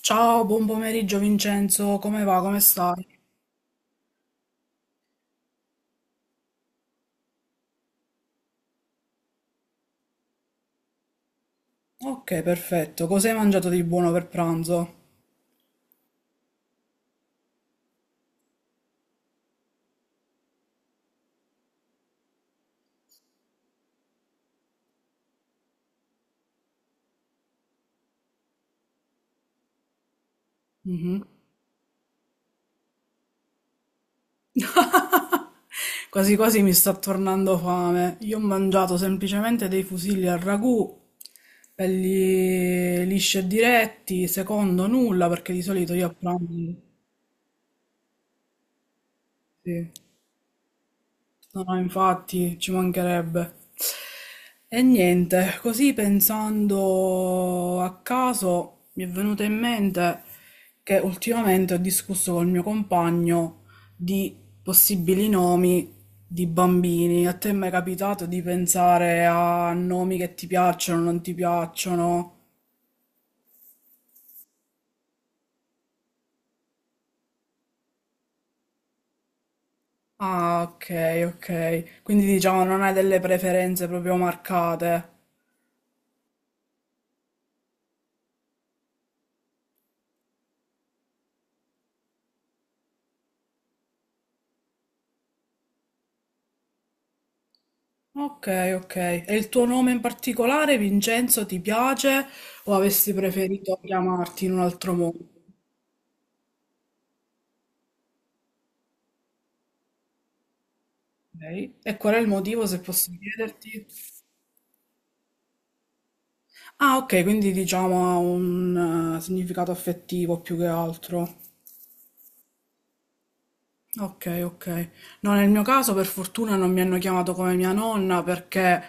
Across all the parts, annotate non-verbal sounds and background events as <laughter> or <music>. Ciao, buon pomeriggio Vincenzo, come va? Come stai? Ok, perfetto. Cosa hai mangiato di buono per pranzo? Mhm. Quasi quasi mi sta tornando fame. Io ho mangiato semplicemente dei fusilli al ragù, belli lisci e diretti, secondo nulla, perché di solito io a pranzo... Sì. No, no, infatti ci mancherebbe. E niente, così pensando a caso mi è venuto in mente che ultimamente ho discusso col mio compagno di possibili nomi di bambini. A te è mai capitato di pensare a nomi che ti piacciono, non ti piacciono? Ah, ok, ok. Quindi diciamo non hai delle preferenze proprio marcate. Ok, ok. E il tuo nome in particolare, Vincenzo, ti piace o avresti preferito chiamarti in un altro modo? Ok. E qual è il motivo, se posso chiederti? Ah, ok, quindi diciamo ha un significato affettivo più che altro. Ok, ok. No, nel mio caso per fortuna non mi hanno chiamato come mia nonna perché,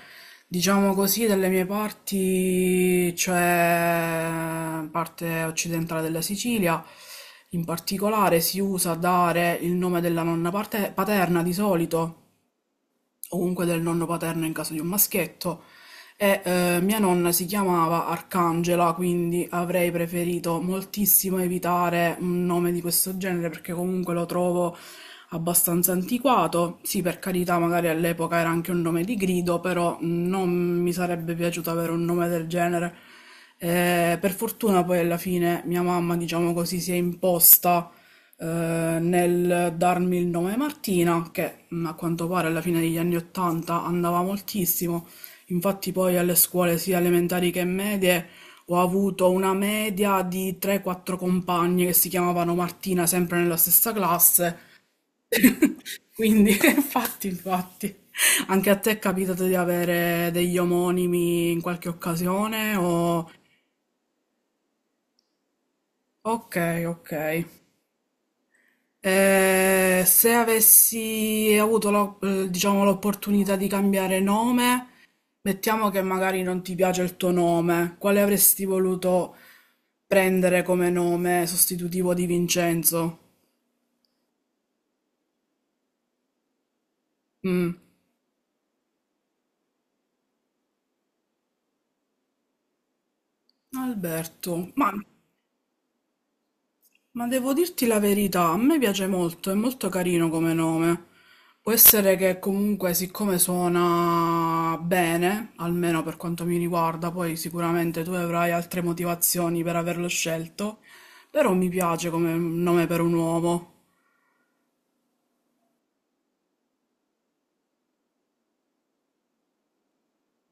diciamo così, dalle mie parti, cioè parte occidentale della Sicilia, in particolare si usa dare il nome della nonna paterna di solito o comunque del nonno paterno in caso di un maschietto. E mia nonna si chiamava Arcangela, quindi avrei preferito moltissimo evitare un nome di questo genere perché comunque lo trovo abbastanza antiquato. Sì, per carità, magari all'epoca era anche un nome di grido, però non mi sarebbe piaciuto avere un nome del genere. Per fortuna poi alla fine mia mamma, diciamo così, si è imposta nel darmi il nome Martina, che a quanto pare alla fine degli anni Ottanta andava moltissimo. Infatti poi alle scuole sia elementari che medie ho avuto una media di 3-4 compagne che si chiamavano Martina, sempre nella stessa classe. Quindi, <laughs> infatti, infatti, anche a te è capitato di avere degli omonimi in qualche occasione o... Ok, ok. Se avessi avuto diciamo, l'opportunità di cambiare nome, mettiamo che magari non ti piace il tuo nome, quale avresti voluto prendere come nome sostitutivo di Vincenzo? Mm, Alberto, ma... Ma devo dirti la verità, a me piace molto, è molto carino come nome. Può essere che comunque, siccome suona bene, almeno per quanto mi riguarda, poi sicuramente tu avrai altre motivazioni per averlo scelto, però mi piace come nome per un uomo.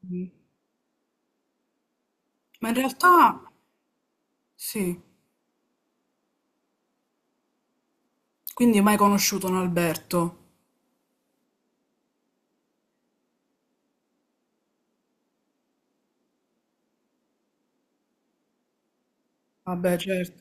Mm. Ma in realtà, sì. Quindi mai conosciuto un Alberto? Vabbè, certo.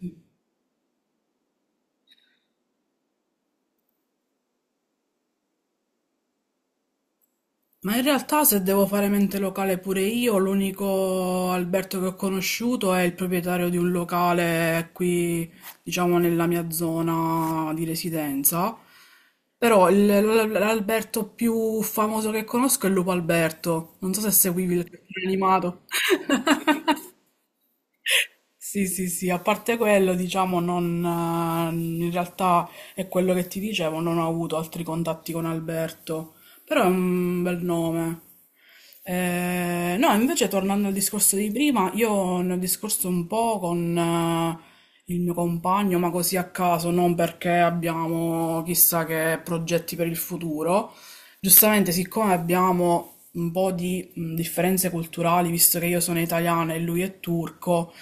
Ma in realtà, se devo fare mente locale pure io, l'unico Alberto che ho conosciuto è il proprietario di un locale qui, diciamo, nella mia zona di residenza. Però l'Alberto più famoso che conosco è Lupo Alberto. Non so se seguivi il cartone animato. <laughs> Sì, sì, sì, a parte quello, diciamo, non, in realtà è quello che ti dicevo, non ho avuto altri contatti con Alberto, però è un bel nome. No, invece tornando al discorso di prima, io ne ho discorso un po' con il mio compagno, ma così a caso, non perché abbiamo chissà che progetti per il futuro. Giustamente, siccome abbiamo un po' di differenze culturali, visto che io sono italiana e lui è turco,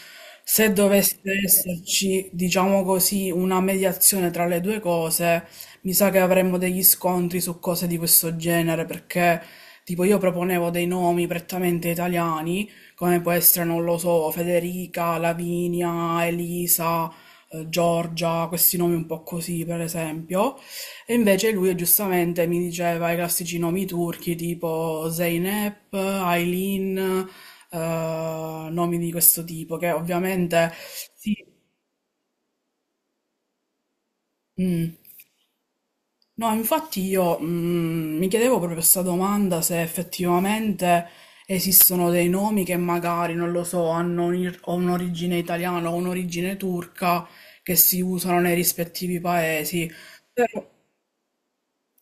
se dovesse esserci, diciamo così, una mediazione tra le due cose, mi sa che avremmo degli scontri su cose di questo genere, perché tipo io proponevo dei nomi prettamente italiani, come può essere, non lo so, Federica, Lavinia, Elisa, Giorgia, questi nomi un po' così, per esempio. E invece lui giustamente mi diceva i classici nomi turchi tipo Zeynep, Aylin, nomi di questo tipo, che ovviamente sì. Mm. No, infatti io mi chiedevo proprio questa domanda, se effettivamente esistono dei nomi che magari, non lo so, hanno o un'origine italiana o un'origine turca che si usano nei rispettivi paesi. Però...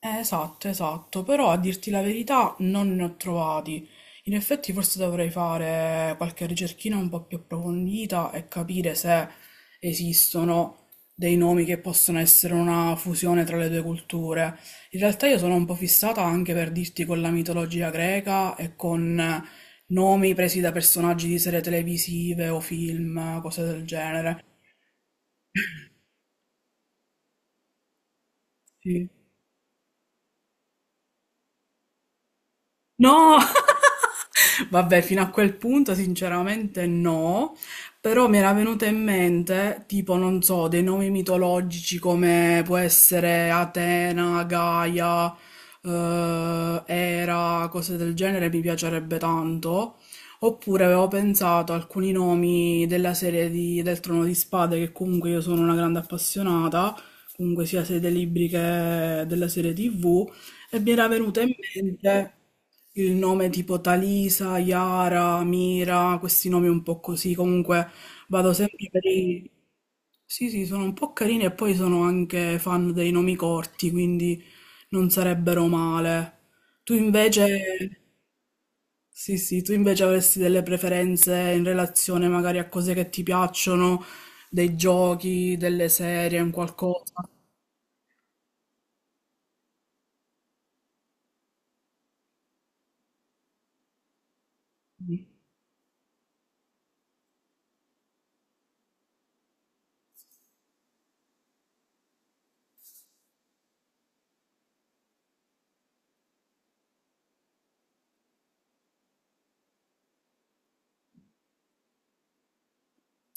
Esatto, esatto, però, a dirti la verità, non ne ho trovati. In effetti forse dovrei fare qualche ricerchina un po' più approfondita e capire se esistono dei nomi che possono essere una fusione tra le due culture. In realtà io sono un po' fissata anche, per dirti, con la mitologia greca e con nomi presi da personaggi di serie televisive o film, cose del genere. Sì. No! <laughs> Vabbè, fino a quel punto sinceramente no, però mi era venuta in mente, tipo, non so, dei nomi mitologici come può essere Atena, Gaia, Era, cose del genere, mi piacerebbe tanto. Oppure avevo pensato a alcuni nomi della serie del Trono di Spade, che comunque io sono una grande appassionata, comunque sia sia dei libri che della serie TV. E mi era venuto in mente il nome tipo Talisa, Yara, Mira, questi nomi un po' così. Comunque vado sempre per i... Sì, sì, sono un po' carini e poi sono anche fan dei nomi corti, quindi non sarebbero male. Tu invece... Sì, sì, tu invece avresti delle preferenze in relazione magari a cose che ti piacciono, dei giochi, delle serie, un qualcosa.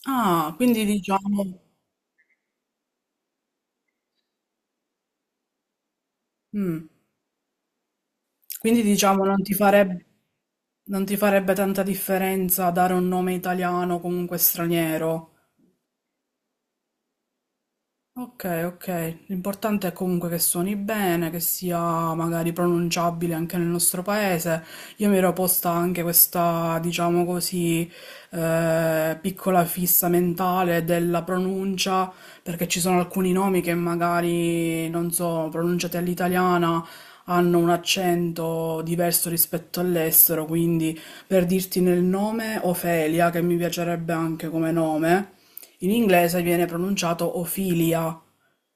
Ah, quindi diciamo... Mm. Quindi diciamo non ti non ti farebbe tanta differenza dare un nome italiano o comunque straniero. Ok, ok. L'importante è comunque che suoni bene, che sia magari pronunciabile anche nel nostro paese. Io mi ero posta anche questa, diciamo così, piccola fissa mentale della pronuncia, perché ci sono alcuni nomi che magari, non so, pronunciati all'italiana hanno un accento diverso rispetto all'estero, quindi per dirti nel nome Ofelia, che mi piacerebbe anche come nome. In inglese viene pronunciato Ophelia,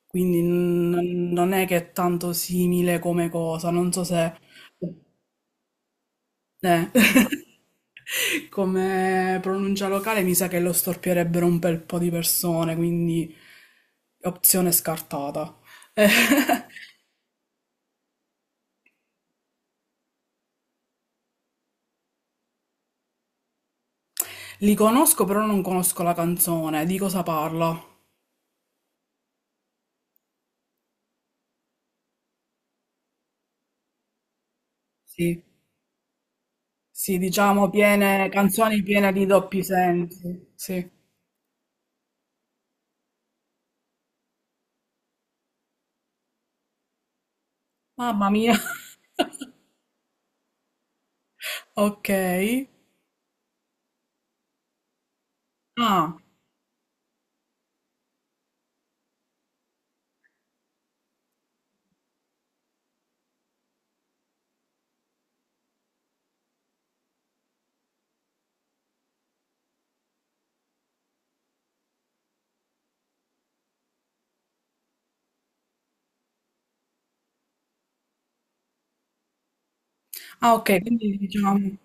quindi non è che è tanto simile come cosa, non so se... Eh. <laughs> Come pronuncia locale, mi sa che lo storpierebbero un bel po' di persone, quindi opzione scartata. Eh, Li conosco, però non conosco la canzone. Di cosa parla? Sì, sì, diciamo piene, canzoni piene di doppi sensi. Sì. Mamma mia. <laughs> Ok. Ah. Ah, ok, quindi diciamo...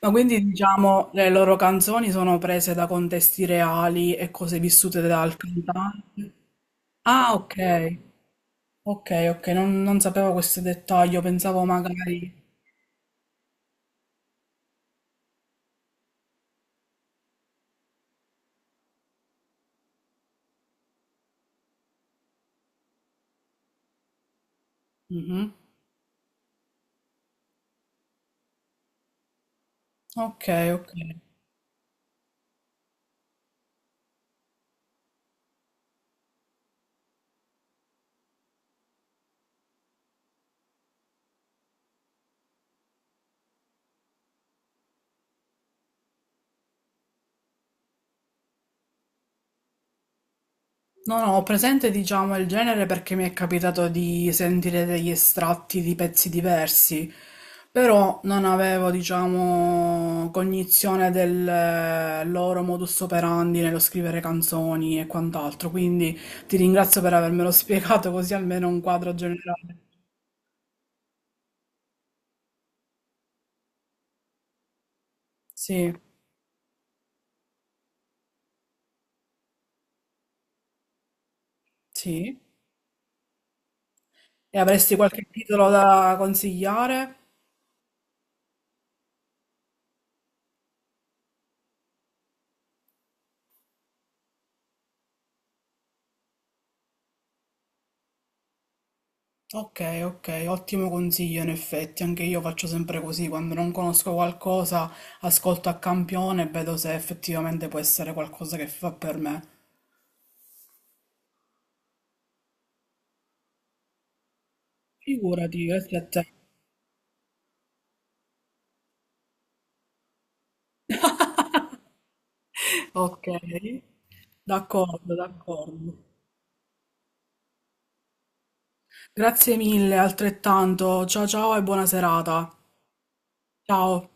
Ma quindi diciamo le loro canzoni sono prese da contesti reali e cose vissute dal cantante? Ah, ok, ok, ok, non sapevo questo dettaglio, pensavo magari... Mhm. Ok, ok. No, no, ho presente, diciamo, il genere, perché mi è capitato di sentire degli estratti di pezzi diversi, però non avevo, diciamo, cognizione del loro modus operandi nello scrivere canzoni e quant'altro, quindi ti ringrazio per avermelo <laughs> spiegato così almeno un quadro generale. Sì, sì. E avresti qualche titolo da consigliare? Ok, ok, ottimo consiglio in effetti, anche io faccio sempre così: quando non conosco qualcosa ascolto a campione e vedo se effettivamente può essere qualcosa che fa per me. Figurati, grazie a te. Ok, d'accordo, d'accordo. Grazie mille, altrettanto. Ciao ciao e buona serata. Ciao.